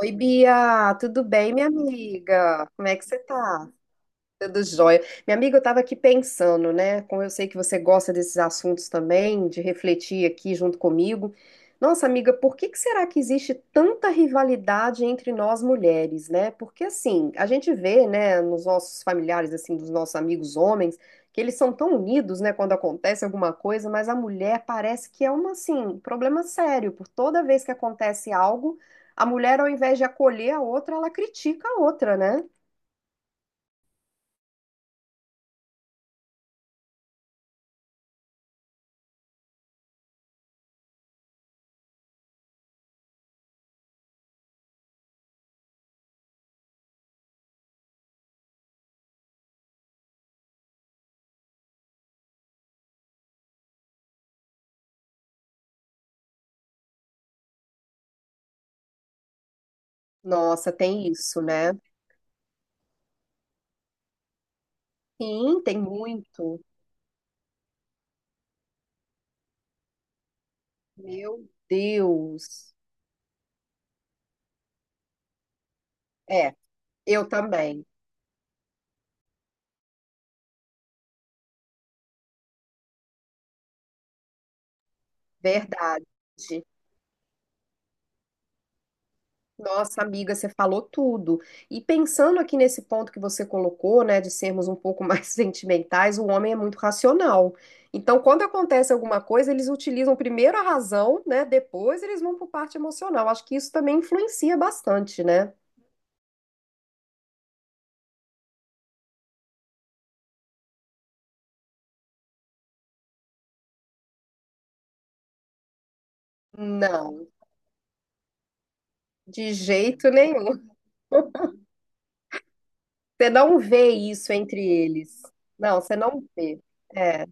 Oi, Bia, tudo bem, minha amiga? Como é que você tá? Tudo jóia. Minha amiga, eu estava aqui pensando, né? Como eu sei que você gosta desses assuntos também, de refletir aqui junto comigo. Nossa, amiga, por que que será que existe tanta rivalidade entre nós mulheres, né? Porque assim, a gente vê, né, nos nossos familiares, assim, dos nossos amigos homens, que eles são tão unidos, né, quando acontece alguma coisa, mas a mulher parece que é uma, assim, um problema sério, por toda vez que acontece algo, a mulher, ao invés de acolher a outra, ela critica a outra, né? Nossa, tem isso, né? Sim, tem muito. Meu Deus. É, eu também. Verdade. Nossa, amiga, você falou tudo. E pensando aqui nesse ponto que você colocou, né, de sermos um pouco mais sentimentais, o homem é muito racional. Então, quando acontece alguma coisa, eles utilizam primeiro a razão, né, depois eles vão para parte emocional. Acho que isso também influencia bastante, né? Não, de jeito nenhum. Você não vê isso entre eles. Não, você não vê. É.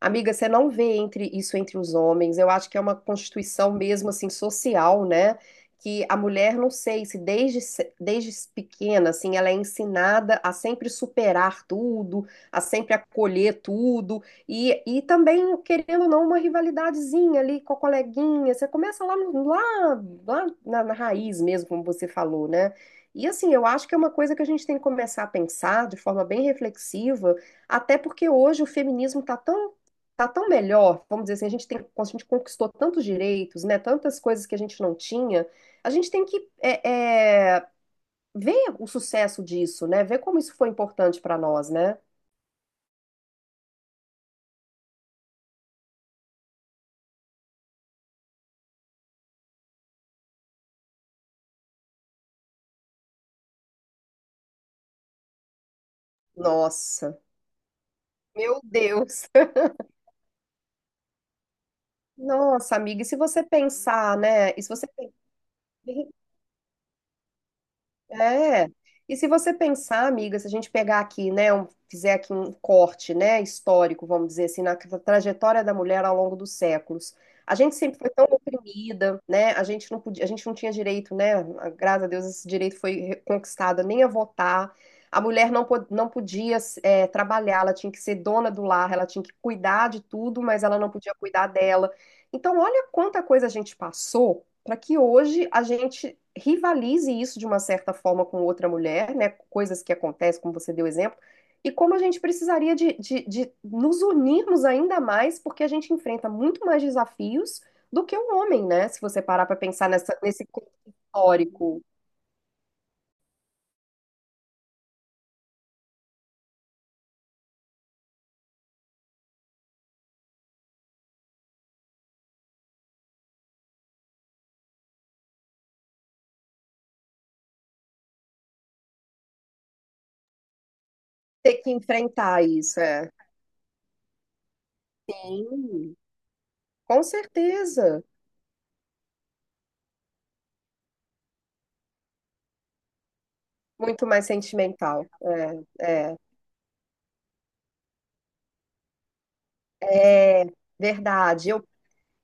Amiga, você não vê entre isso entre os homens. Eu acho que é uma constituição mesmo assim social, né? Que a mulher, não sei, se desde, desde pequena, assim, ela é ensinada a sempre superar tudo, a sempre acolher tudo, e também, querendo ou não, uma rivalidadezinha ali com a coleguinha. Você começa lá, lá, lá na raiz mesmo, como você falou, né? E assim, eu acho que é uma coisa que a gente tem que começar a pensar de forma bem reflexiva, até porque hoje o feminismo está tão, tá tão melhor, vamos dizer assim, a gente tem, a gente conquistou tantos direitos, né, tantas coisas que a gente não tinha, a gente tem que é, é, ver o sucesso disso, né, ver como isso foi importante para nós, né? Nossa, meu Deus. Nossa, amiga, e se você pensar, né? E se você é. E se você pensar, amiga, se a gente pegar aqui, né, fizer aqui um corte, né, histórico, vamos dizer assim, na trajetória da mulher ao longo dos séculos, a gente sempre foi tão oprimida, né? A gente não podia, a gente não tinha direito, né? Graças a Deus esse direito foi conquistado, nem a votar. A mulher não, não podia é, trabalhar, ela tinha que ser dona do lar, ela tinha que cuidar de tudo, mas ela não podia cuidar dela. Então, olha quanta coisa a gente passou para que hoje a gente rivalize isso de uma certa forma com outra mulher, né? Coisas que acontecem, como você deu exemplo, e como a gente precisaria de nos unirmos ainda mais, porque a gente enfrenta muito mais desafios do que o homem, né? Se você parar para pensar nessa, nesse contexto histórico, ter que enfrentar isso, é. Sim. Com certeza, muito mais sentimental. É, é, é verdade. Eu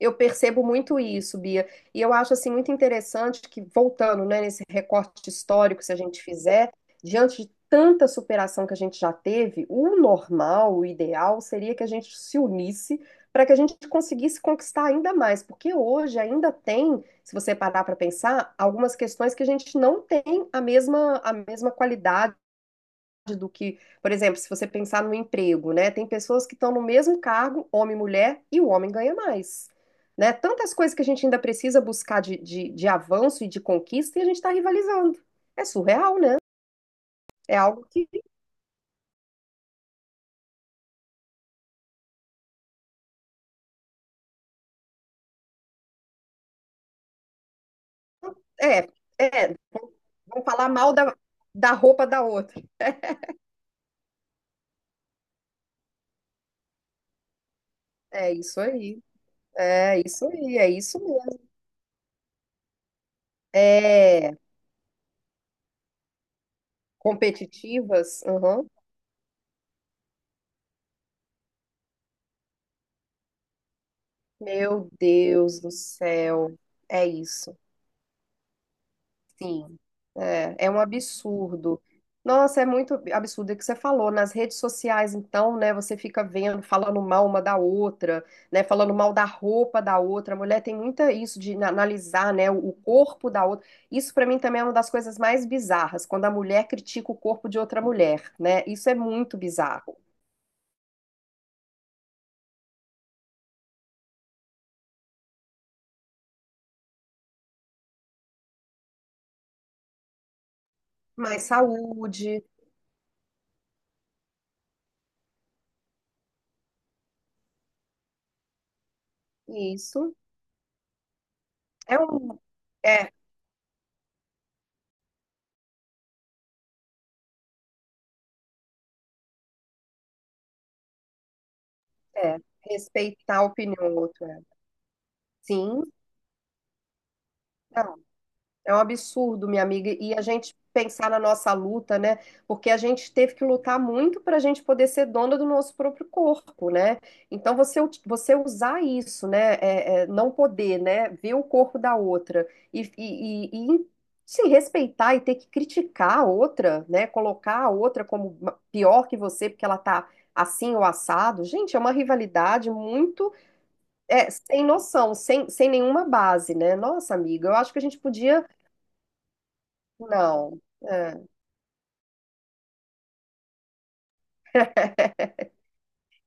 Eu percebo muito isso, Bia, e eu acho assim muito interessante que voltando, né, nesse recorte histórico, se a gente fizer, diante de tanta superação que a gente já teve, o normal, o ideal seria que a gente se unisse para que a gente conseguisse conquistar ainda mais, porque hoje ainda tem, se você parar para pensar, algumas questões que a gente não tem a mesma qualidade do que, por exemplo, se você pensar no emprego, né? Tem pessoas que estão no mesmo cargo, homem e mulher, e o homem ganha mais. Né? Tantas coisas que a gente ainda precisa buscar de avanço e de conquista e a gente está rivalizando. É surreal, né? É algo que. É, é. Vão falar mal da, da roupa da outra. É isso aí. É isso aí. É isso mesmo. É. Competitivas. Uhum. Meu Deus do céu. É isso. Sim, é, é um absurdo. Nossa, é muito absurdo. É o que você falou. Nas redes sociais, então, né, você fica vendo, falando mal uma da outra, né, falando mal da roupa da outra. A mulher tem muita isso de analisar, né, o corpo da outra. Isso pra mim também é uma das coisas mais bizarras, quando a mulher critica o corpo de outra mulher, né? Isso é muito bizarro. Mais saúde, isso. É um, é, é, respeitar a opinião do outro. É. Sim, é um absurdo, minha amiga, e a gente pensar na nossa luta, né? Porque a gente teve que lutar muito para a gente poder ser dona do nosso próprio corpo, né? Então você, você usar isso, né? É, é, não poder, né? Ver o corpo da outra e se respeitar e ter que criticar a outra, né? Colocar a outra como pior que você porque ela tá assim ou assado. Gente, é uma rivalidade muito é, sem noção, sem, sem nenhuma base, né? Nossa, amiga, eu acho que a gente podia não. É.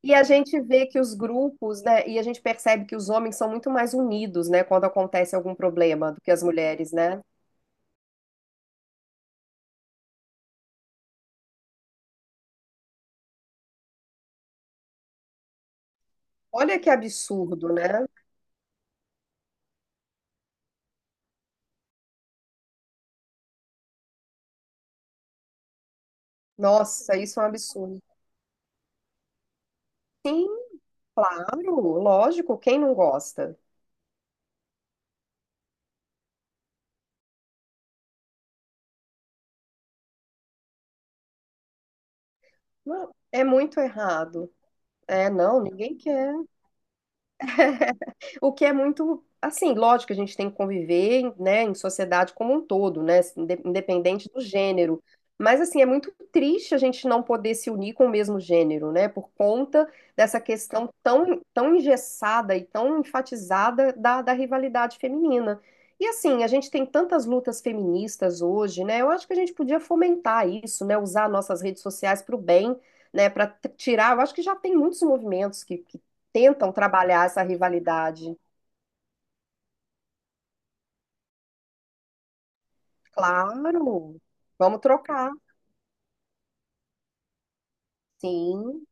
E a gente vê que os grupos, né, e a gente percebe que os homens são muito mais unidos, né, quando acontece algum problema do que as mulheres, né? Olha que absurdo, né? Nossa, isso é um absurdo. Claro, lógico, quem não gosta? Não, é muito errado. É, não, ninguém quer. O que é muito, assim, lógico que a gente tem que conviver, né, em sociedade como um todo, né, independente do gênero. Mas, assim, é muito triste a gente não poder se unir com o mesmo gênero, né, por conta dessa questão tão, tão engessada e tão enfatizada da rivalidade feminina. E, assim, a gente tem tantas lutas feministas hoje, né, eu acho que a gente podia fomentar isso, né, usar nossas redes sociais para o bem, né, para tirar. Eu acho que já tem muitos movimentos que tentam trabalhar essa rivalidade. Claro, vamos trocar. Sim.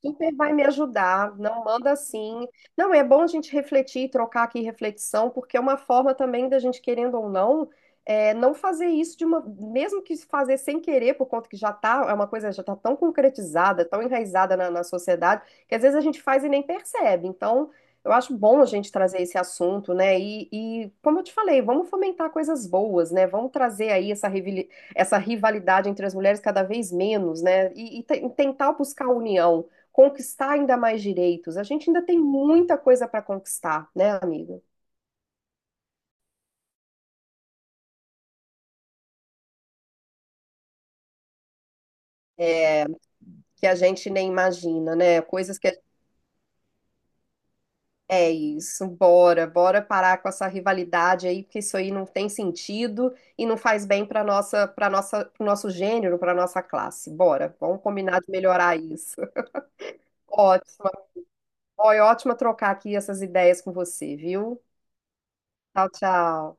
Super vai me ajudar, não manda assim. Não, é bom a gente refletir, trocar aqui reflexão, porque é uma forma também da gente, querendo ou não, é, não fazer isso de uma, mesmo que fazer sem querer, por conta que já tá, é uma coisa já tá tão concretizada, tão enraizada na sociedade, que às vezes a gente faz e nem percebe. Então, eu acho bom a gente trazer esse assunto, né? E como eu te falei, vamos fomentar coisas boas, né? Vamos trazer aí essa essa rivalidade entre as mulheres cada vez menos, né? E tentar buscar a união conquistar ainda mais direitos. A gente ainda tem muita coisa para conquistar, né, amiga? É, que a gente nem imagina, né? Coisas que a- é isso. Bora, bora parar com essa rivalidade aí, porque isso aí não tem sentido e não faz bem para nossa, pro nosso gênero, para nossa classe. Bora, vamos combinar de melhorar isso. Ótima. Foi ótimo trocar aqui essas ideias com você, viu? Tchau, tchau.